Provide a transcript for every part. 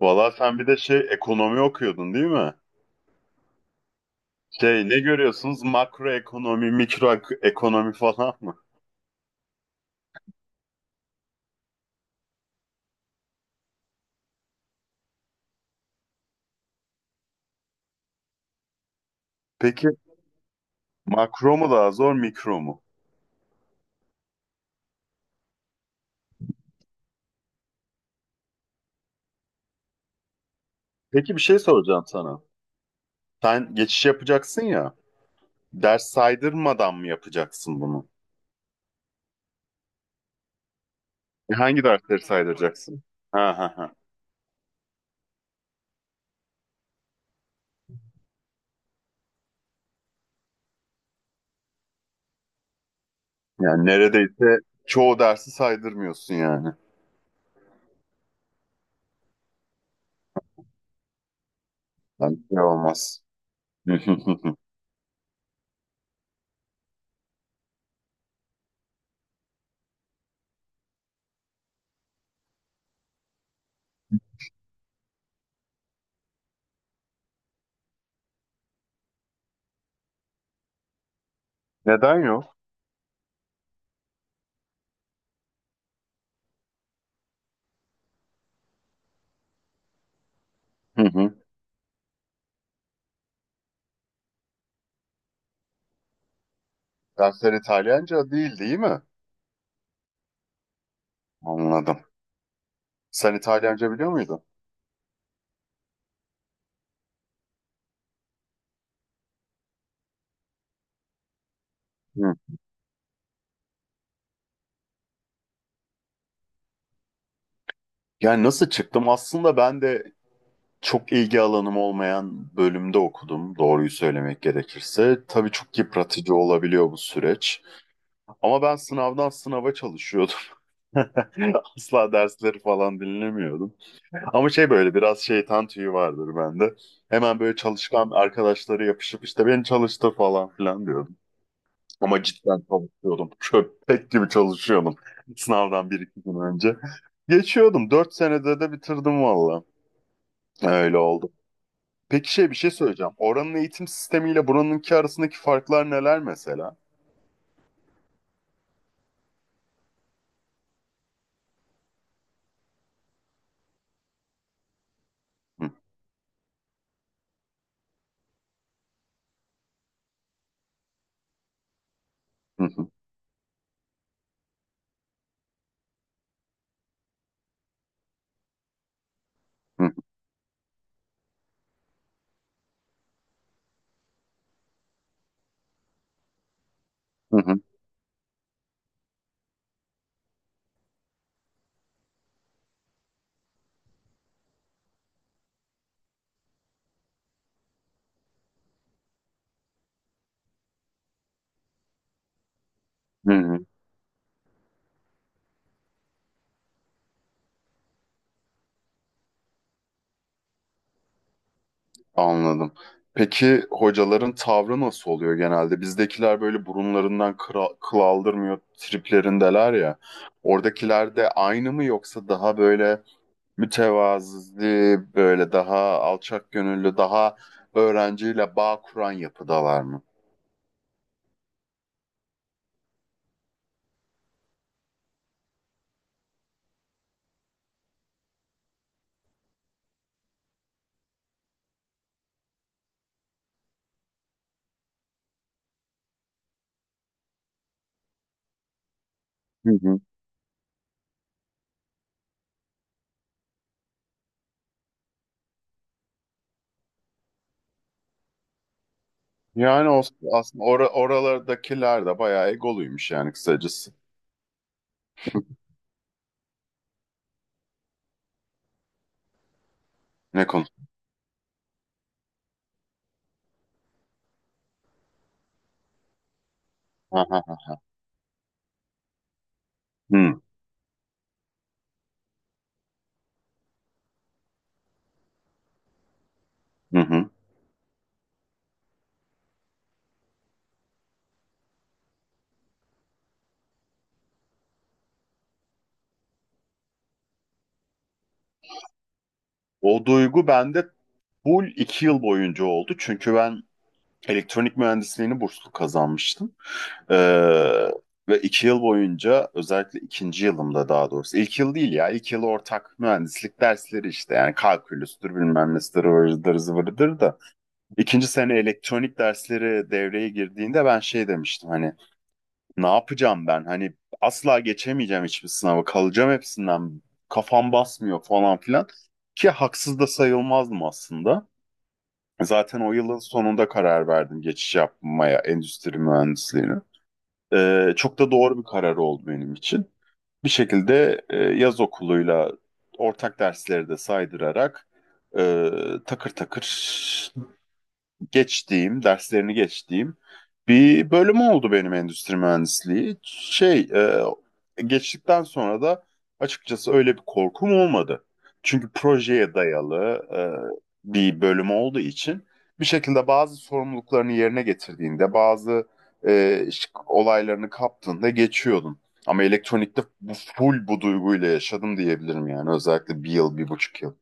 Valla sen bir de ekonomi okuyordun değil mi? Ne görüyorsunuz? Makro ekonomi, ekonomi falan mı? Peki makro mu daha zor, mikro mu? Peki bir şey soracağım sana. Sen geçiş yapacaksın ya. Ders saydırmadan mı yapacaksın bunu? Hangi dersleri saydıracaksın? Ha ha ha. Yani neredeyse çoğu dersi saydırmıyorsun yani. Yani şey olmaz. Neden yok? Hı hı. Dersler İtalyanca değil değil mi? Anladım. Sen İtalyanca biliyor muydun? Hı. Yani nasıl çıktım? Aslında ben de çok ilgi alanım olmayan bölümde okudum, doğruyu söylemek gerekirse. Tabii çok yıpratıcı olabiliyor bu süreç. Ama ben sınavdan sınava çalışıyordum. Asla dersleri falan dinlemiyordum. Ama böyle biraz şeytan tüyü vardır bende. Hemen böyle çalışkan arkadaşları yapışıp işte beni çalıştır falan filan diyordum. Ama cidden çalışıyordum. Köpek gibi çalışıyordum. Sınavdan bir iki gün önce. Geçiyordum. Dört senede de bitirdim valla. Öyle oldu. Peki bir şey söyleyeceğim. Oranın eğitim sistemiyle buranınki arasındaki farklar neler mesela? Hı, hı, hı, hı, hı, hı, hı. Anladım. Peki hocaların tavrı nasıl oluyor genelde? Bizdekiler böyle burunlarından kıra, kıl aldırmıyor triplerindeler ya. Oradakiler de aynı mı yoksa daha böyle mütevazi, böyle daha alçak gönüllü, daha öğrenciyle bağ kuran yapıdalar mı? Yani aslında oralardakiler de bayağı egoluymuş yani kısacası. Ne konu? Ha, ha, ha. Hı, hı, hı. O duygu bende full iki yıl boyunca oldu. Çünkü ben elektronik mühendisliğini burslu kazanmıştım. Ee, Ve iki yıl boyunca özellikle ikinci yılımda daha doğrusu. İlk yıl değil ya. İlk yıl ortak mühendislik dersleri işte. Yani kalkülüstür bilmem nesidir vırıdır zıvırıdır da. İkinci sene elektronik dersleri devreye girdiğinde ben şey demiştim, hani ne yapacağım ben? Hani asla geçemeyeceğim hiçbir sınavı. Kalacağım hepsinden. Kafam basmıyor falan filan. Ki haksız da sayılmazdım aslında. Zaten o yılın sonunda karar verdim geçiş yapmaya endüstri mühendisliğine. Çok da doğru bir karar oldu benim için. Bir şekilde yaz okuluyla ortak dersleri de saydırarak e, takır takır geçtiğim, derslerini geçtiğim bir bölüm oldu benim endüstri mühendisliği. Geçtikten sonra da açıkçası öyle bir korkum olmadı. Çünkü projeye dayalı bir bölüm olduğu için bir şekilde bazı sorumluluklarını yerine getirdiğinde, bazı olaylarını kaptığında geçiyordun. Ama elektronikte bu full bu duyguyla yaşadım diyebilirim yani özellikle bir yıl, bir buçuk yıl.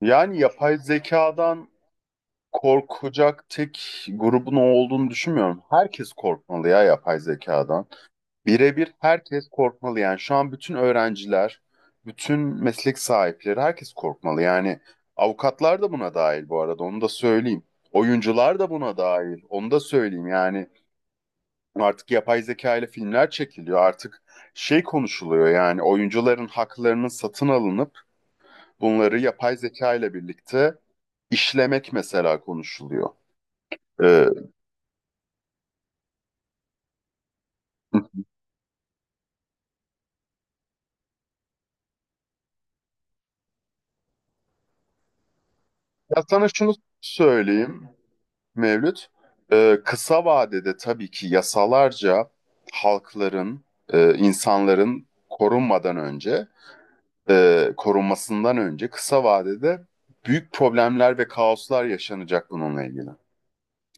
Yani yapay zekadan korkacak tek grubun o olduğunu düşünmüyorum. Herkes korkmalı ya yapay zekadan. Birebir herkes korkmalı yani. Şu an bütün öğrenciler, bütün meslek sahipleri herkes korkmalı. Yani avukatlar da buna dahil bu arada onu da söyleyeyim. Oyuncular da buna dahil onu da söyleyeyim. Yani artık yapay zeka ile filmler çekiliyor. Artık konuşuluyor yani oyuncuların haklarının satın alınıp bunları yapay zeka ile birlikte işlemek mesela konuşuluyor. Ee, Ya sana şunu söyleyeyim Mevlüt. Kısa vadede tabii ki yasalarca halkların, insanların korunmadan önce, korunmasından önce kısa vadede büyük problemler ve kaoslar yaşanacak bununla ilgili.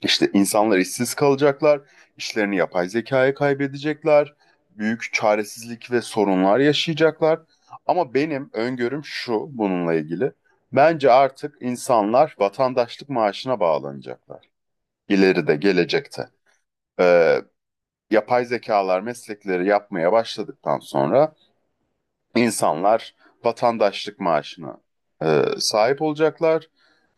İşte insanlar işsiz kalacaklar, işlerini yapay zekaya kaybedecekler, büyük çaresizlik ve sorunlar yaşayacaklar. Ama benim öngörüm şu bununla ilgili. Bence artık insanlar vatandaşlık maaşına bağlanacaklar. İleride, gelecekte. Ee, Yapay zekalar meslekleri yapmaya başladıktan sonra insanlar vatandaşlık maaşına sahip olacaklar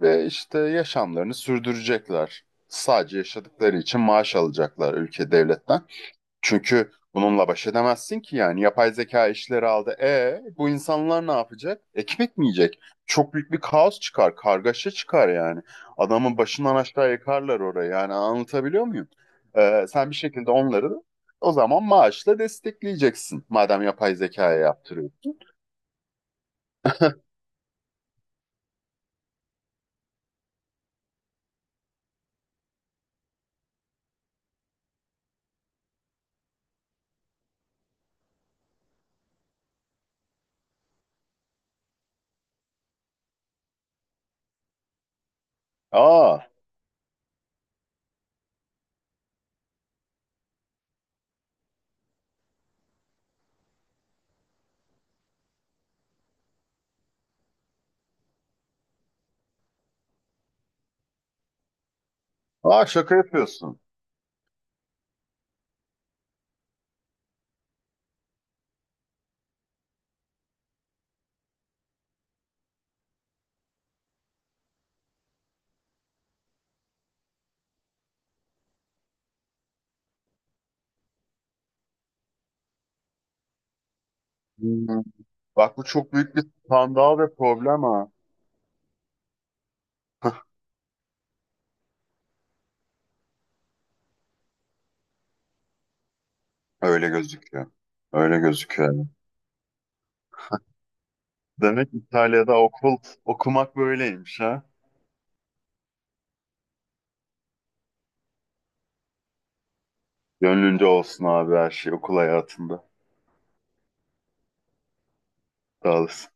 ve işte yaşamlarını sürdürecekler. Sadece yaşadıkları için maaş alacaklar ülke devletten. Çünkü bununla baş edemezsin ki yani yapay zeka işleri aldı. E bu insanlar ne yapacak? Ekmek mi yiyecek? Çok büyük bir kaos çıkar, kargaşa çıkar yani. Adamın başından aşağı yıkarlar orayı. Yani anlatabiliyor muyum? Sen bir şekilde onları o zaman maaşla destekleyeceksin. Madem yapay zekaya yaptırıyorsun. Aa, aa, şaka yapıyorsun. Hmm. Bak bu çok büyük bir skandal ve problem ha. Öyle gözüküyor. Öyle gözüküyor. Demek İtalya'da okumak böyleymiş ha. Gönlünce olsun abi her şey okul hayatında. Sağ olasın.